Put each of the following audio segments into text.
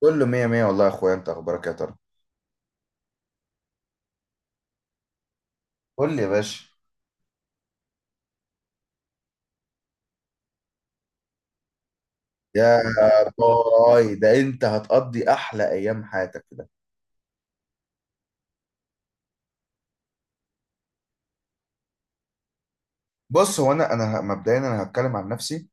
كله مية مية والله يا اخويا، انت اخبارك إيه يا ترى؟ قول لي يا باشا. يا باي، ده انت هتقضي احلى ايام حياتك في ده. بص، هو انا مبدئيا انا هتكلم عن نفسي.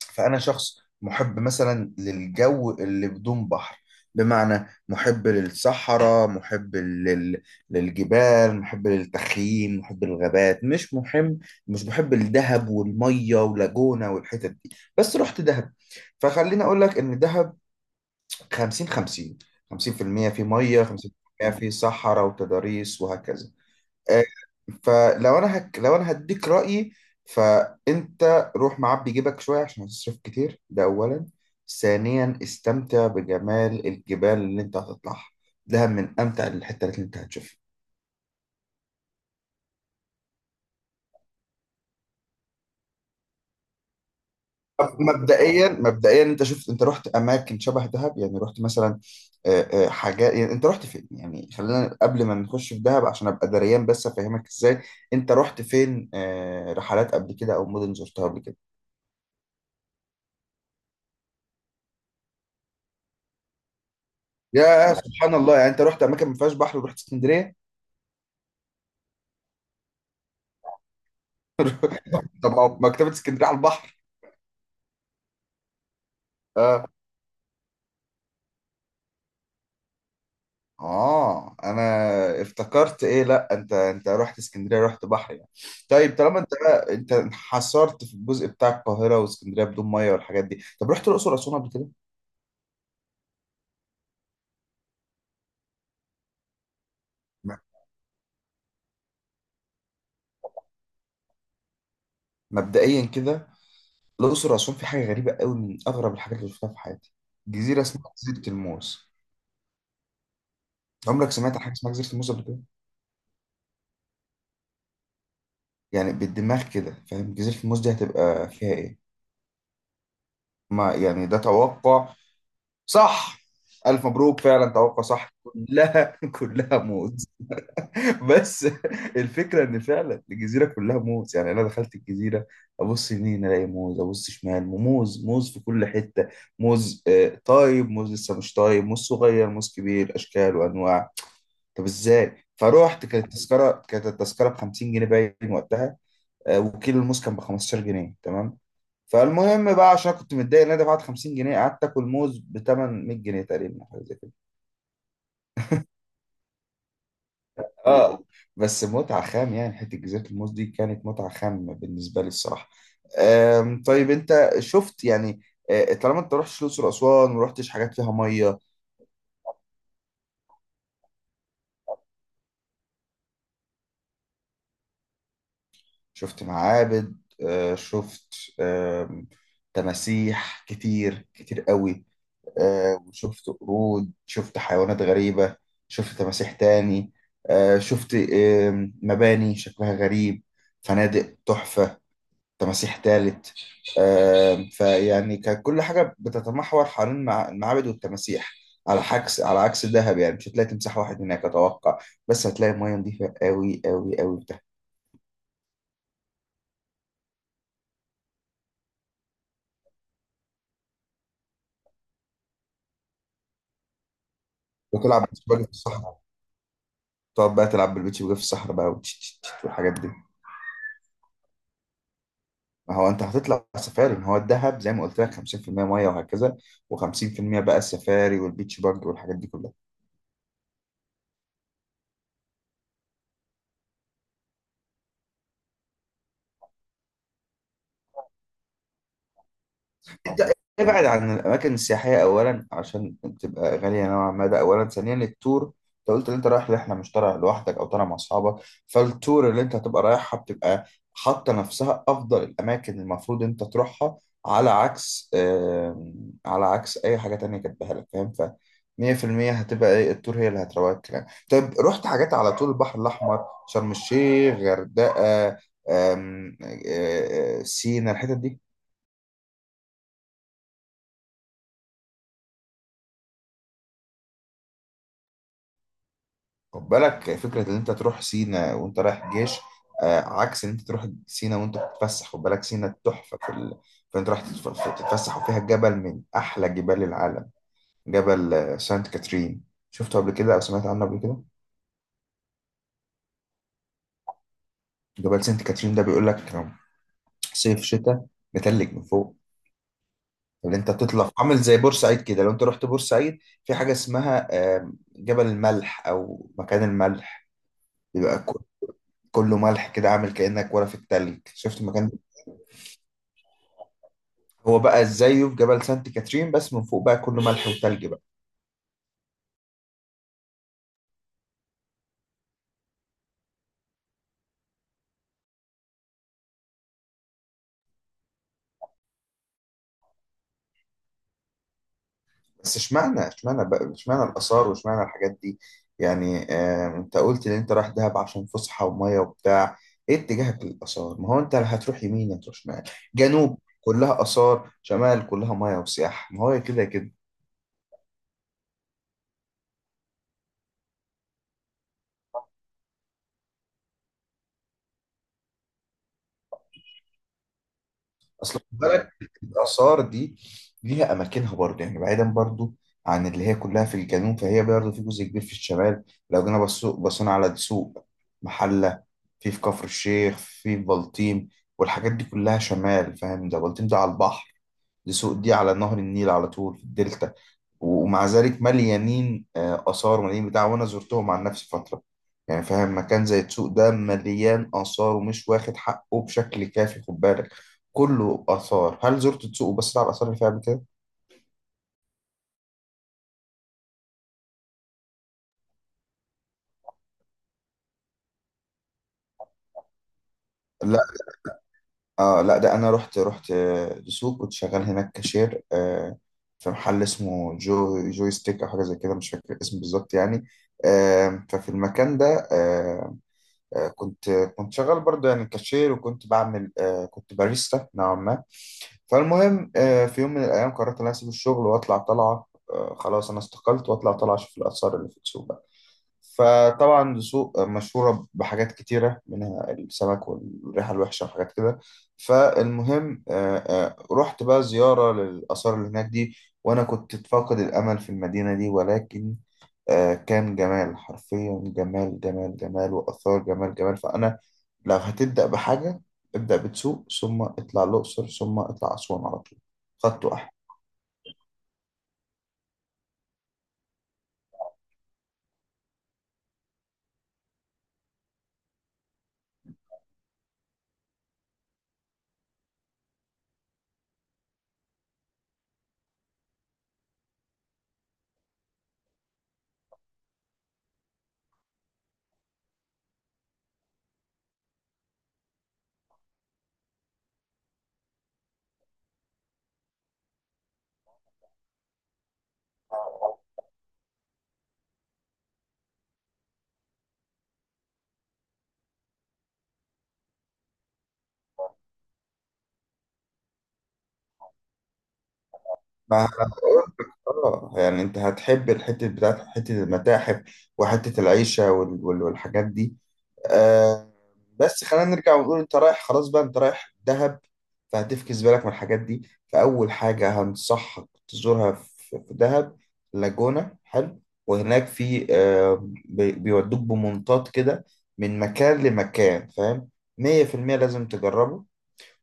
فانا شخص محب مثلا للجو اللي بدون بحر، بمعنى محب للصحراء، محب للجبال، محب للتخييم، محب للغابات، مش محب الدهب والميه ولاجونا والحتت دي. بس رحت دهب، فخليني اقول لك ان دهب 50 50، 50% في المية، في ميه 50% في المية في صحراء وتضاريس وهكذا. آه، فلو انا لو انا هديك رأيي، فانت روح معبي جيبك شويه عشان هتصرف كتير، ده اولا. ثانيا استمتع بجمال الجبال اللي انت هتطلعها، ده من امتع الحته اللي انت هتشوفها. طب مبدئيا انت شفت، انت رحت اماكن شبه دهب؟ يعني رحت مثلا حاجات، يعني انت رحت فين؟ يعني خلينا قبل ما نخش في دهب، عشان ابقى دريان بس افهمك ازاي. انت رحت فين رحلات قبل كده او مدن زرتها قبل كده؟ يا سبحان الله، يعني انت رحت اماكن ما فيهاش بحر ورحت اسكندريه؟ طب ما هو مكتبه اسكندريه على البحر. اه، انا افتكرت ايه، لا انت رحت اسكندريه رحت بحر يعني. طيب طالما انت انحصرت في الجزء بتاع القاهره واسكندريه بدون ميه والحاجات دي، طب رحت الاقصر واسوان قبل كده؟ لا. مبدئيا كده الاقصر واسوان في حاجه غريبه قوي، من اغرب الحاجات اللي شفتها في حياتي، جزيره اسمها جزيره الموز. عمرك سمعت عن حاجه اسمها جزيره الموز قبل كده؟ يعني بالدماغ كده، فاهم جزيره الموز دي هتبقى فيها ايه؟ ما يعني ده توقع صح. الف مبروك، فعلا توقع صح، كلها كلها موز. بس الفكره ان فعلا الجزيره كلها موز، يعني انا دخلت الجزيره ابص يمين الاقي موز، ابص شمال موز، موز في كل حته، موز طايب، موز لسه مش طايب، موز صغير، موز كبير، اشكال وانواع. طب ازاي؟ فروحت، كانت التذكره ب 50 جنيه باين وقتها، وكيلو الموز كان ب 15 جنيه، تمام؟ فالمهم بقى، عشان كنت متضايق ان انا دفعت 50 جنيه، قعدت اكل موز ب 800 جنيه تقريبا، حاجه زي اه. بس متعة خام، يعني حتة جزيرة الموز دي كانت متعة خام بالنسبة لي الصراحة. طيب انت شفت يعني طالما انت رحتش الأقصر وأسوان، ورحتش حاجات فيها مية، شفت معابد، شفت آم، تماسيح كتير قوي، وشفت قرود، شفت حيوانات غريبة، شفت تماسيح تاني، شفت مباني شكلها غريب، فنادق تحفة، تماسيح تالت، فيعني كانت كل حاجة بتتمحور حوالين المعابد والتماسيح. على عكس الذهب، يعني مش هتلاقي تمساح واحد هناك أتوقع، بس هتلاقي مية نظيفة أوي أوي أوي بتاعت، وتلعب بيتش باجي في الصحراء، تقعد بقى تلعب بالبيتش باجي في الصحراء بقى، وتش- تش- تش والحاجات دي. ما هو أنت هتطلع سفاري، ما هو الذهب زي ما قلت لك 50% مية وهكذا، و50% بقى السفاري والبيتش باجي والحاجات دي كلها. ده- ابعد عن الاماكن السياحيه اولا عشان تبقى غاليه نوعا ما، ده اولا. ثانيا التور، انت قلت ان انت رايح رحله، مش طالع لوحدك او طالع مع اصحابك، فالتور اللي انت هتبقى رايحها بتبقى حاطه نفسها افضل الاماكن المفروض انت تروحها، على عكس على عكس اي حاجه تانية كاتبها لك، فاهم؟ ف 100% هتبقى ايه التور هي اللي هتروق الكلام. طيب رحت حاجات على طول البحر الاحمر، شرم الشيخ، غردقه، آم، آه، آه، سينا، الحتت دي؟ خد بالك فكرة إن أنت تروح سينا وأنت رايح الجيش، عكس إن أنت تروح سينا وأنت بتتفسح، خد بالك. سينا تحفة في فأنت رايح تتفسح، وفيها جبل من أحلى جبال العالم، جبل سانت كاترين. شفته قبل كده أو سمعت عنه قبل كده؟ جبل سانت كاترين ده بيقول لك صيف شتاء متلج من فوق، اللي أنت تطلع عامل زي بورسعيد كده، لو أنت رحت بورسعيد في حاجة اسمها جبل الملح أو مكان الملح، بيبقى كله ملح كده، عامل كأنك ورا في التلج، شفت المكان ده؟ هو بقى زيه في جبل سانت كاترين، بس من فوق بقى كله ملح وتلج بقى. بس اشمعنى، اشمعنى بقى اشمعنى الآثار واشمعنى الحاجات دي؟ يعني آه انت قلت ان انت رايح دهب عشان فسحة ومية وبتاع، ايه اتجاهك للآثار؟ ما هو انت هتروح يمين، هتروح شمال، جنوب كلها آثار، شمال كلها مية وسياحة، ما هو كده كده. اصل خد بالك الاثار دي ليها اماكنها برضه، يعني بعيدا برضه عن اللي هي كلها في الجنوب، فهي برضه في جزء كبير في الشمال. لو جينا بصينا على دسوق، محله، في في كفر الشيخ، في بلطيم، والحاجات دي كلها شمال، فاهم؟ ده بلطيم ده على البحر، دسوق دي على نهر النيل على طول في الدلتا، ومع ذلك مليانين آثار، مليانين بتاع، وأنا زرتهم عن نفسي فترة، يعني فاهم. مكان زي السوق ده مليان آثار ومش واخد حقه بشكل كافي، خد بالك. كله آثار، هل زرت السوق وبصيت على الآثار اللي فيها قبل كده؟ لا. آه لا ده أنا رحت رحت السوق، كنت شغال هناك كاشير، آه، في محل اسمه جو جوي ستيك أو حاجة زي كده، مش فاكر الاسم بالظبط يعني. آه ففي المكان ده آه، كنت كنت شغال برضه يعني كاشير، وكنت بعمل كنت باريستا نوعا ما. فالمهم في يوم من الأيام قررت إن أنا أسيب الشغل وأطلع طلعة، خلاص أنا استقلت وأطلع طلعة أشوف الآثار اللي في السوق بقى. فطبعا السوق مشهورة بحاجات كتيرة، منها السمك والريحة الوحشة وحاجات كده. فالمهم رحت بقى زيارة للآثار اللي هناك دي، وأنا كنت فاقد الأمل في المدينة دي، ولكن كان جمال، حرفيا جمال جمال جمال، وآثار جمال جمال. فأنا لو هتبدأ بحاجة، ابدأ بتسوق ثم اطلع الأقصر ثم اطلع أسوان على طول، خط واحد. ما أنا بقول لك، اه يعني انت هتحب الحتة بتاعت حتة المتاحف وحتة العيشة والحاجات دي، آه. بس خلينا نرجع ونقول انت رايح خلاص بقى، انت رايح دهب، فهتفكس بالك من الحاجات دي. فأول حاجة هنصحك تزورها في في دهب، لاجونا حلو، وهناك في آه بيودوك بمنطاد كده من مكان لمكان، فاهم، مية في المية لازم تجربه.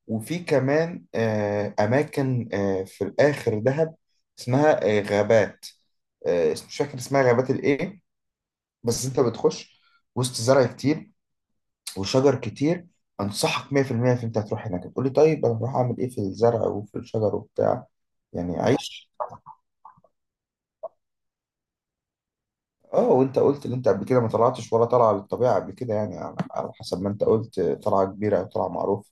وفي كمان آه أماكن آه في الآخر دهب اسمها آه غابات، آه مش فاكر اسمها غابات الإيه، بس أنت بتخش وسط زرع كتير وشجر كتير. انصحك 100% في المية ان انت هتروح هناك. تقول لي طيب انا هروح اعمل ايه في الزرع وفي الشجر وبتاع؟ يعني عيش. اه وانت قلت ان انت قبل كده ما طلعتش ولا طالعه للطبيعه قبل كده، يعني على على حسب ما انت قلت طلعه كبيره او طلعه معروفه.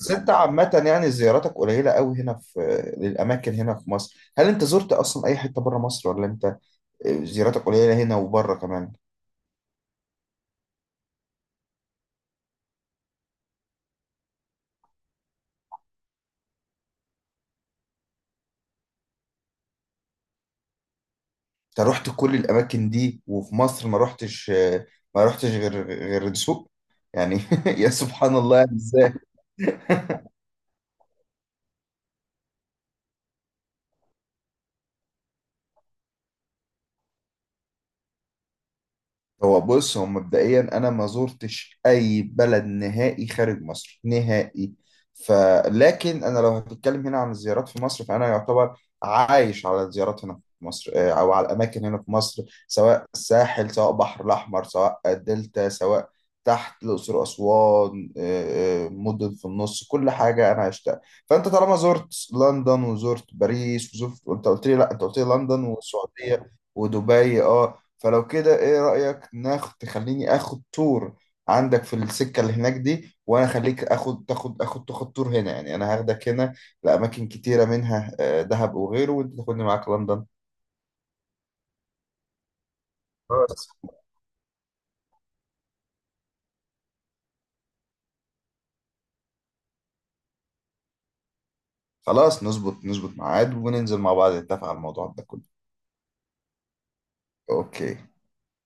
بس انت عامه يعني زياراتك قليله قوي هنا في للاماكن هنا في مصر، هل انت زرت اصلا اي حته بره مصر، ولا انت زياراتك قليله هنا وبره كمان؟ انت رحت كل الاماكن دي وفي مصر ما رحتش، ما رحتش غير الدسوق، يعني يا سبحان الله، يعني ازاي؟ هو بص، هو مبدئيا انا ما زرتش اي بلد نهائي خارج مصر نهائي، فلكن انا لو هتتكلم هنا عن الزيارات في مصر فانا يعتبر عايش على الزيارات هنا في مصر، او على الاماكن هنا في مصر، سواء الساحل، سواء بحر الاحمر، سواء الدلتا، سواء تحت الاقصر واسوان، مدن في النص، كل حاجه انا عشتها. فانت طالما زرت لندن وزرت باريس وزرت، وانت قلت لي لا، انت قلت لي لندن والسعوديه ودبي اه. فلو كده ايه رأيك، ناخد تخليني اخد تور عندك في السكة اللي هناك دي، وانا اخليك اخد تاخد اخد تاخد تور هنا، يعني انا هاخدك هنا لأماكن كتيرة منها دهب وغيره، وانت تاخدني معاك لندن. خلاص، خلاص نظبط ميعاد وننزل مع بعض نتفق على الموضوع ده كله. اوكي.